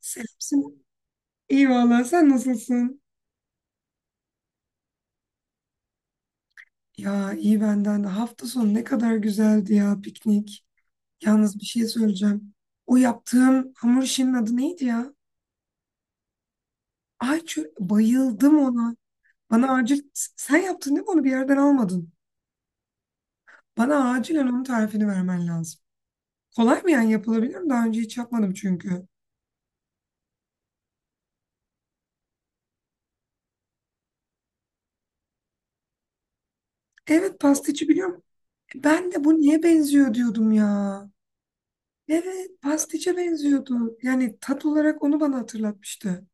Selamsın. İyi valla sen nasılsın? Ya iyi benden de. Hafta sonu ne kadar güzeldi ya piknik. Yalnız bir şey söyleyeceğim. O yaptığım hamur işinin adı neydi ya? Ayçi bayıldım ona. Bana acil sen yaptın değil mi onu bir yerden almadın. Bana acilen onun tarifini vermen lazım. Kolay mı yani yapılabilir mi? Daha önce hiç yapmadım çünkü. Evet pastiçi biliyorum. Ben de bu niye benziyor diyordum ya. Evet pastiçe benziyordu. Yani tat olarak onu bana hatırlatmıştı.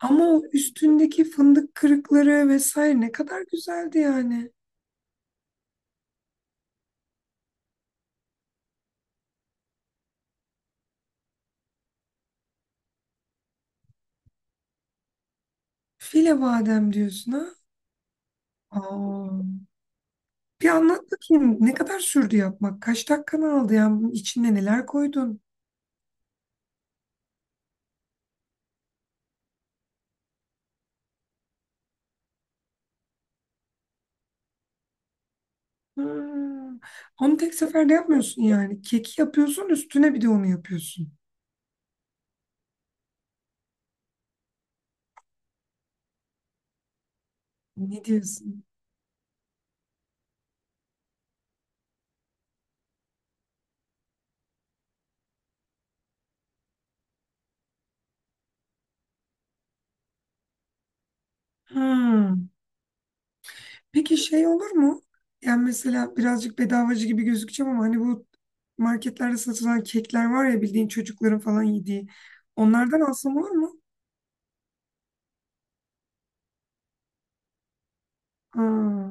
Ama o üstündeki fındık kırıkları vesaire ne kadar güzeldi yani. File badem diyorsun ha. Aa. Bir anlat bakayım ne kadar sürdü yapmak? Kaç dakikanı aldı yani bunun içine neler koydun? Hmm. Onu tek seferde yapmıyorsun yani. Keki yapıyorsun üstüne bir de onu yapıyorsun. Ne diyorsun? Hmm. Peki şey olur mu? Yani mesela birazcık bedavacı gibi gözükeceğim ama hani bu marketlerde satılan kekler var ya bildiğin çocukların falan yediği. Onlardan alsam olur mu? Aa,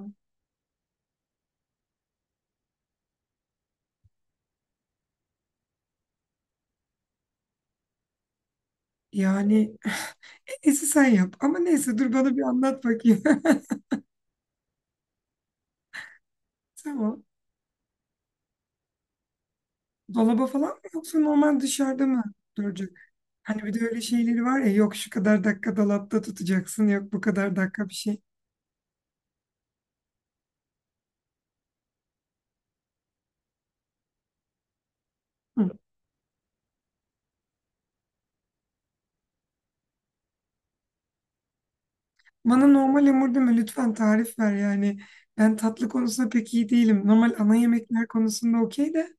yani neyse sen yap. Ama neyse dur bana bir anlat bakayım. Tamam. Dolaba falan mı yoksa normal dışarıda mı duracak? Hani bir de öyle şeyleri var ya yok şu kadar dakika dolapta tutacaksın yok bu kadar dakika bir şey. Hı. Bana normal hamur deme lütfen tarif ver yani. Ben tatlı konusunda pek iyi değilim. Normal ana yemekler konusunda okey de.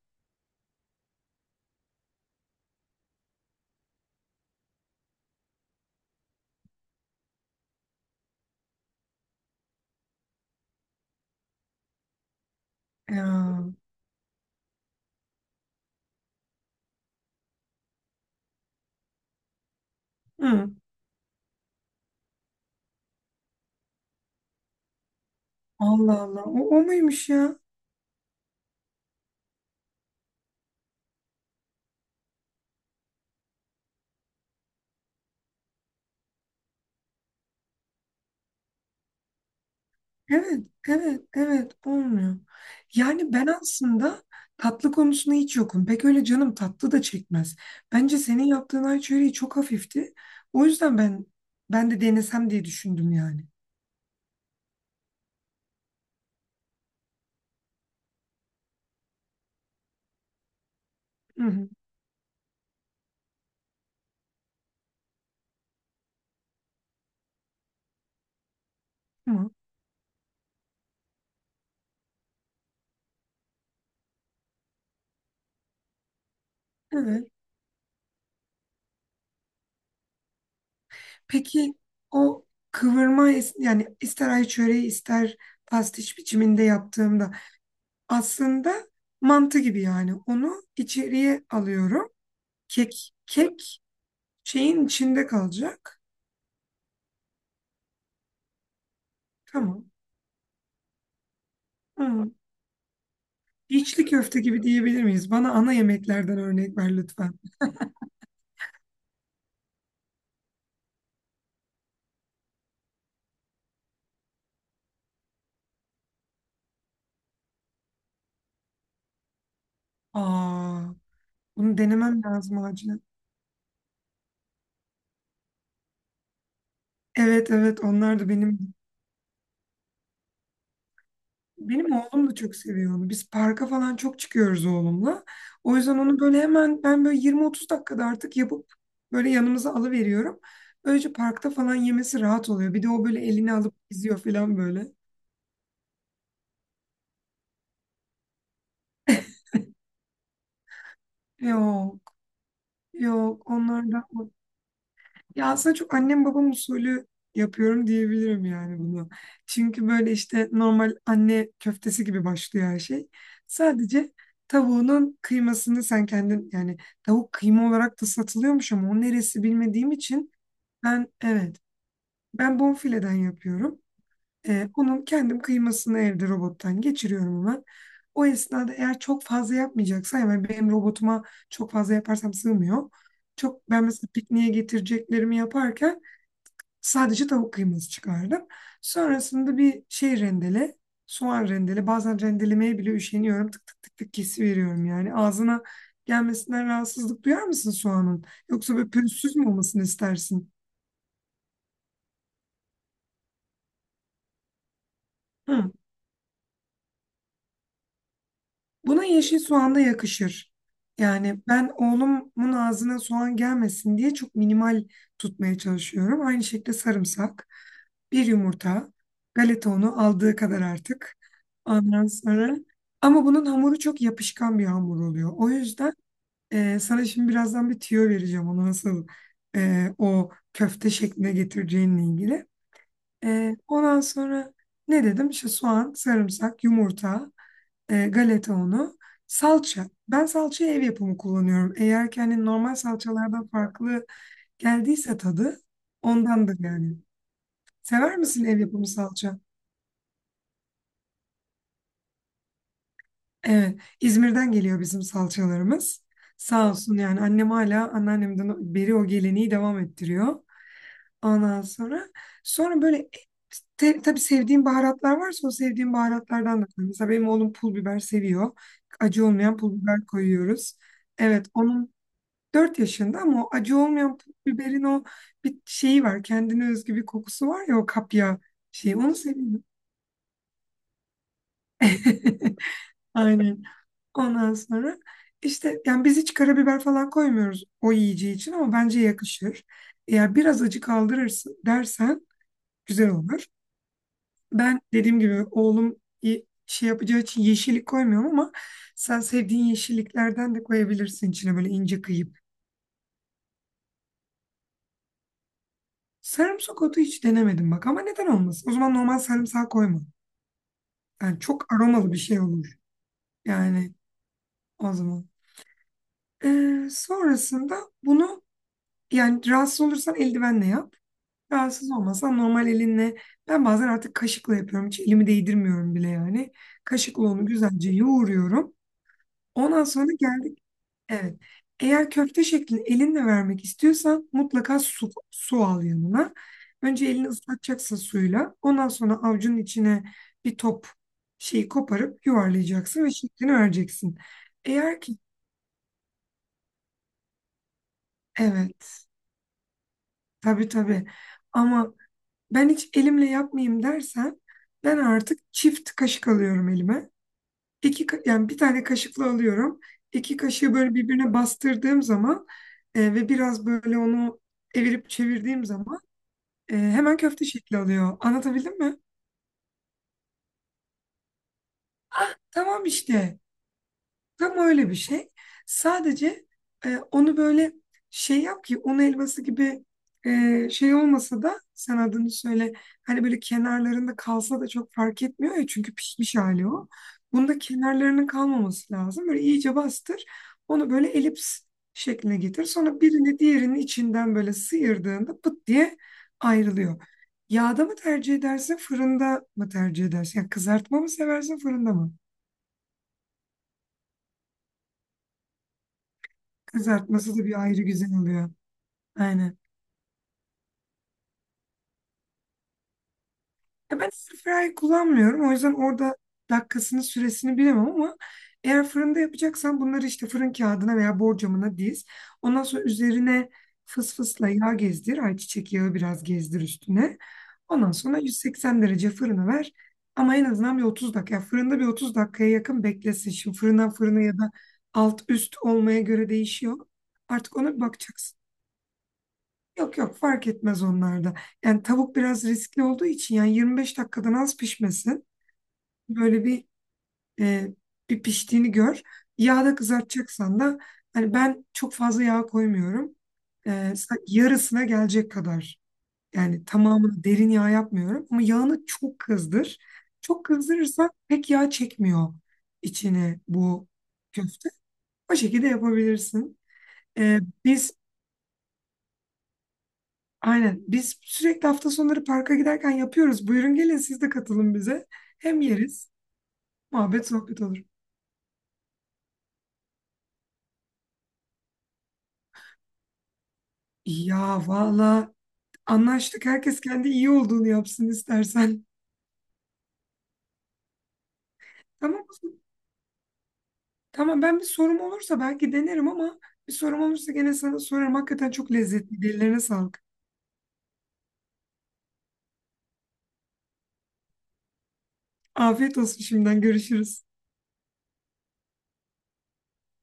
Ya. Hı. Allah Allah. O muymuş ya? Evet, evet, evet. Olmuyor. Yani ben aslında tatlı konusunda hiç yokum. Pek öyle canım tatlı da çekmez. Bence senin yaptığın ay çöreği çok hafifti. O yüzden ben de denesem diye düşündüm yani. Hı hı. Ama evet. Peki o kıvırma yani ister ay çöreği ister pastiş biçiminde yaptığımda aslında mantı gibi yani onu içeriye alıyorum. Kek şeyin içinde kalacak. Tamam. Hı. İçli köfte gibi diyebilir miyiz? Bana ana yemeklerden örnek ver lütfen. Aa, bunu denemem lazım acilen. Evet evet onlar da Benim oğlum da çok seviyor onu. Biz parka falan çok çıkıyoruz oğlumla. O yüzden onu böyle hemen ben böyle 20-30 dakikada artık yapıp böyle yanımıza alıveriyorum. Böylece parkta falan yemesi rahat oluyor. Bir de o böyle elini alıp izliyor falan böyle. Yok, yok onlar da. Ya aslında çok annem babam usulü yapıyorum diyebilirim yani bunu. Çünkü böyle işte normal anne köftesi gibi başlıyor her şey. Sadece tavuğunun kıymasını sen kendin yani tavuk kıyma olarak da satılıyormuş ama o neresi bilmediğim için ben, evet, ben bonfileden yapıyorum. Onun kendim kıymasını evde robottan geçiriyorum hemen. O esnada eğer çok fazla yapmayacaksam yani benim robotuma çok fazla yaparsam sığmıyor. Çok ben mesela pikniğe getireceklerimi yaparken sadece tavuk kıyması çıkardım. Sonrasında bir şey rendele, soğan rendele. Bazen rendelemeye bile üşeniyorum. Tık tık tık tık kesiveriyorum yani. Ağzına gelmesinden rahatsızlık duyar mısın soğanın? Yoksa böyle pürüzsüz mü olmasını istersin? Hı. Buna yeşil soğan da yakışır. Yani ben oğlumun ağzına soğan gelmesin diye çok minimal tutmaya çalışıyorum. Aynı şekilde sarımsak, bir yumurta, galeta unu aldığı kadar artık. Ondan sonra ama bunun hamuru çok yapışkan bir hamur oluyor. O yüzden sana şimdi birazdan bir tüyo vereceğim onu nasıl o köfte şekline getireceğinle ilgili. Ondan sonra ne dedim? İşte soğan, sarımsak, yumurta, galeta unu, salça. Ben salçayı ev yapımı kullanıyorum. Eğer ki hani normal salçalardan farklı geldiyse tadı ondandır yani. Sever misin ev yapımı salça? Evet, İzmir'den geliyor bizim salçalarımız. Sağ olsun yani annem hala anneannemden beri o geleneği devam ettiriyor. Ondan sonra böyle tabii sevdiğim baharatlar varsa o sevdiğim baharatlardan da koy. Mesela benim oğlum pul biber seviyor. Acı olmayan pul biber koyuyoruz. Evet onun 4 yaşında ama o acı olmayan pul biberin o bir şeyi var. Kendine özgü bir kokusu var ya o kapya şeyi. Onu seviyor. Aynen. Ondan sonra işte yani biz hiç karabiber falan koymuyoruz o yiyeceği için ama bence yakışır. Eğer biraz acı kaldırırsın dersen güzel olur. Ben dediğim gibi oğlum şey yapacağı için yeşillik koymuyorum ama sen sevdiğin yeşilliklerden de koyabilirsin içine böyle ince kıyıp. Sarımsak otu hiç denemedim bak ama neden olmasın? O zaman normal sarımsak koyma. Yani çok aromalı bir şey olur. Yani o zaman. Sonrasında bunu yani rahatsız olursan eldivenle yap. Rahatsız olmasan normal elinle. Ben bazen artık kaşıkla yapıyorum. Hiç elimi değdirmiyorum bile yani. Kaşıkla onu güzelce yoğuruyorum. Ondan sonra geldi. Evet. Eğer köfte şeklini elinle vermek istiyorsan mutlaka su, su al yanına. Önce elini ıslatacaksın suyla. Ondan sonra avucunun içine bir top şeyi koparıp yuvarlayacaksın ve şeklini vereceksin. Eğer ki, evet, tabii tabii, ama ben hiç elimle yapmayayım dersen ben artık çift kaşık alıyorum elime. İki, yani bir tane kaşıkla alıyorum. İki kaşığı böyle birbirine bastırdığım zaman ve biraz böyle onu evirip çevirdiğim zaman hemen köfte şekli alıyor. Anlatabildim mi? Tamam işte. Tam öyle bir şey. Sadece onu böyle şey yap ki un helvası gibi şey olmasa da sen adını söyle. Hani böyle kenarlarında kalsa da çok fark etmiyor ya çünkü pişmiş hali o. Bunda kenarlarının kalmaması lazım. Böyle iyice bastır. Onu böyle elips şekline getir. Sonra birini diğerinin içinden böyle sıyırdığında pıt diye ayrılıyor. Yağda mı tercih edersin, fırında mı tercih edersin? Yani kızartma mı seversin, fırında mı? Kızartması da bir ayrı güzel oluyor. Aynen. Ya ben airfryer kullanmıyorum. O yüzden orada dakikasını, süresini bilemem ama eğer fırında yapacaksan bunları işte fırın kağıdına veya borcamına diz. Ondan sonra üzerine fıs fısla yağ gezdir. Ayçiçek yağı biraz gezdir üstüne. Ondan sonra 180 derece fırına ver. Ama en azından bir 30 dakika. Yani fırında bir 30 dakikaya yakın beklesin. Şimdi fırından fırına ya da alt üst olmaya göre değişiyor. Artık ona bir bakacaksın. Yok yok fark etmez onlarda. Yani tavuk biraz riskli olduğu için yani 25 dakikadan az pişmesin. Böyle e, bir piştiğini gör. Yağda kızartacaksan da hani ben çok fazla yağ koymuyorum. Yarısına gelecek kadar. Yani tamamını derin yağ yapmıyorum ama yağını çok kızdır. Çok kızdırırsa pek yağ çekmiyor içine bu köfte. O şekilde yapabilirsin. E, biz Aynen. Biz sürekli hafta sonları parka giderken yapıyoruz. Buyurun gelin siz de katılın bize. Hem yeriz, muhabbet sohbet olur. Ya valla anlaştık. Herkes kendi iyi olduğunu yapsın istersen. Tamam mı? Tamam ben bir sorum olursa belki denerim ama bir sorum olursa gene sana sorarım. Hakikaten çok lezzetli. Ellerine sağlık. Afiyet olsun şimdiden görüşürüz.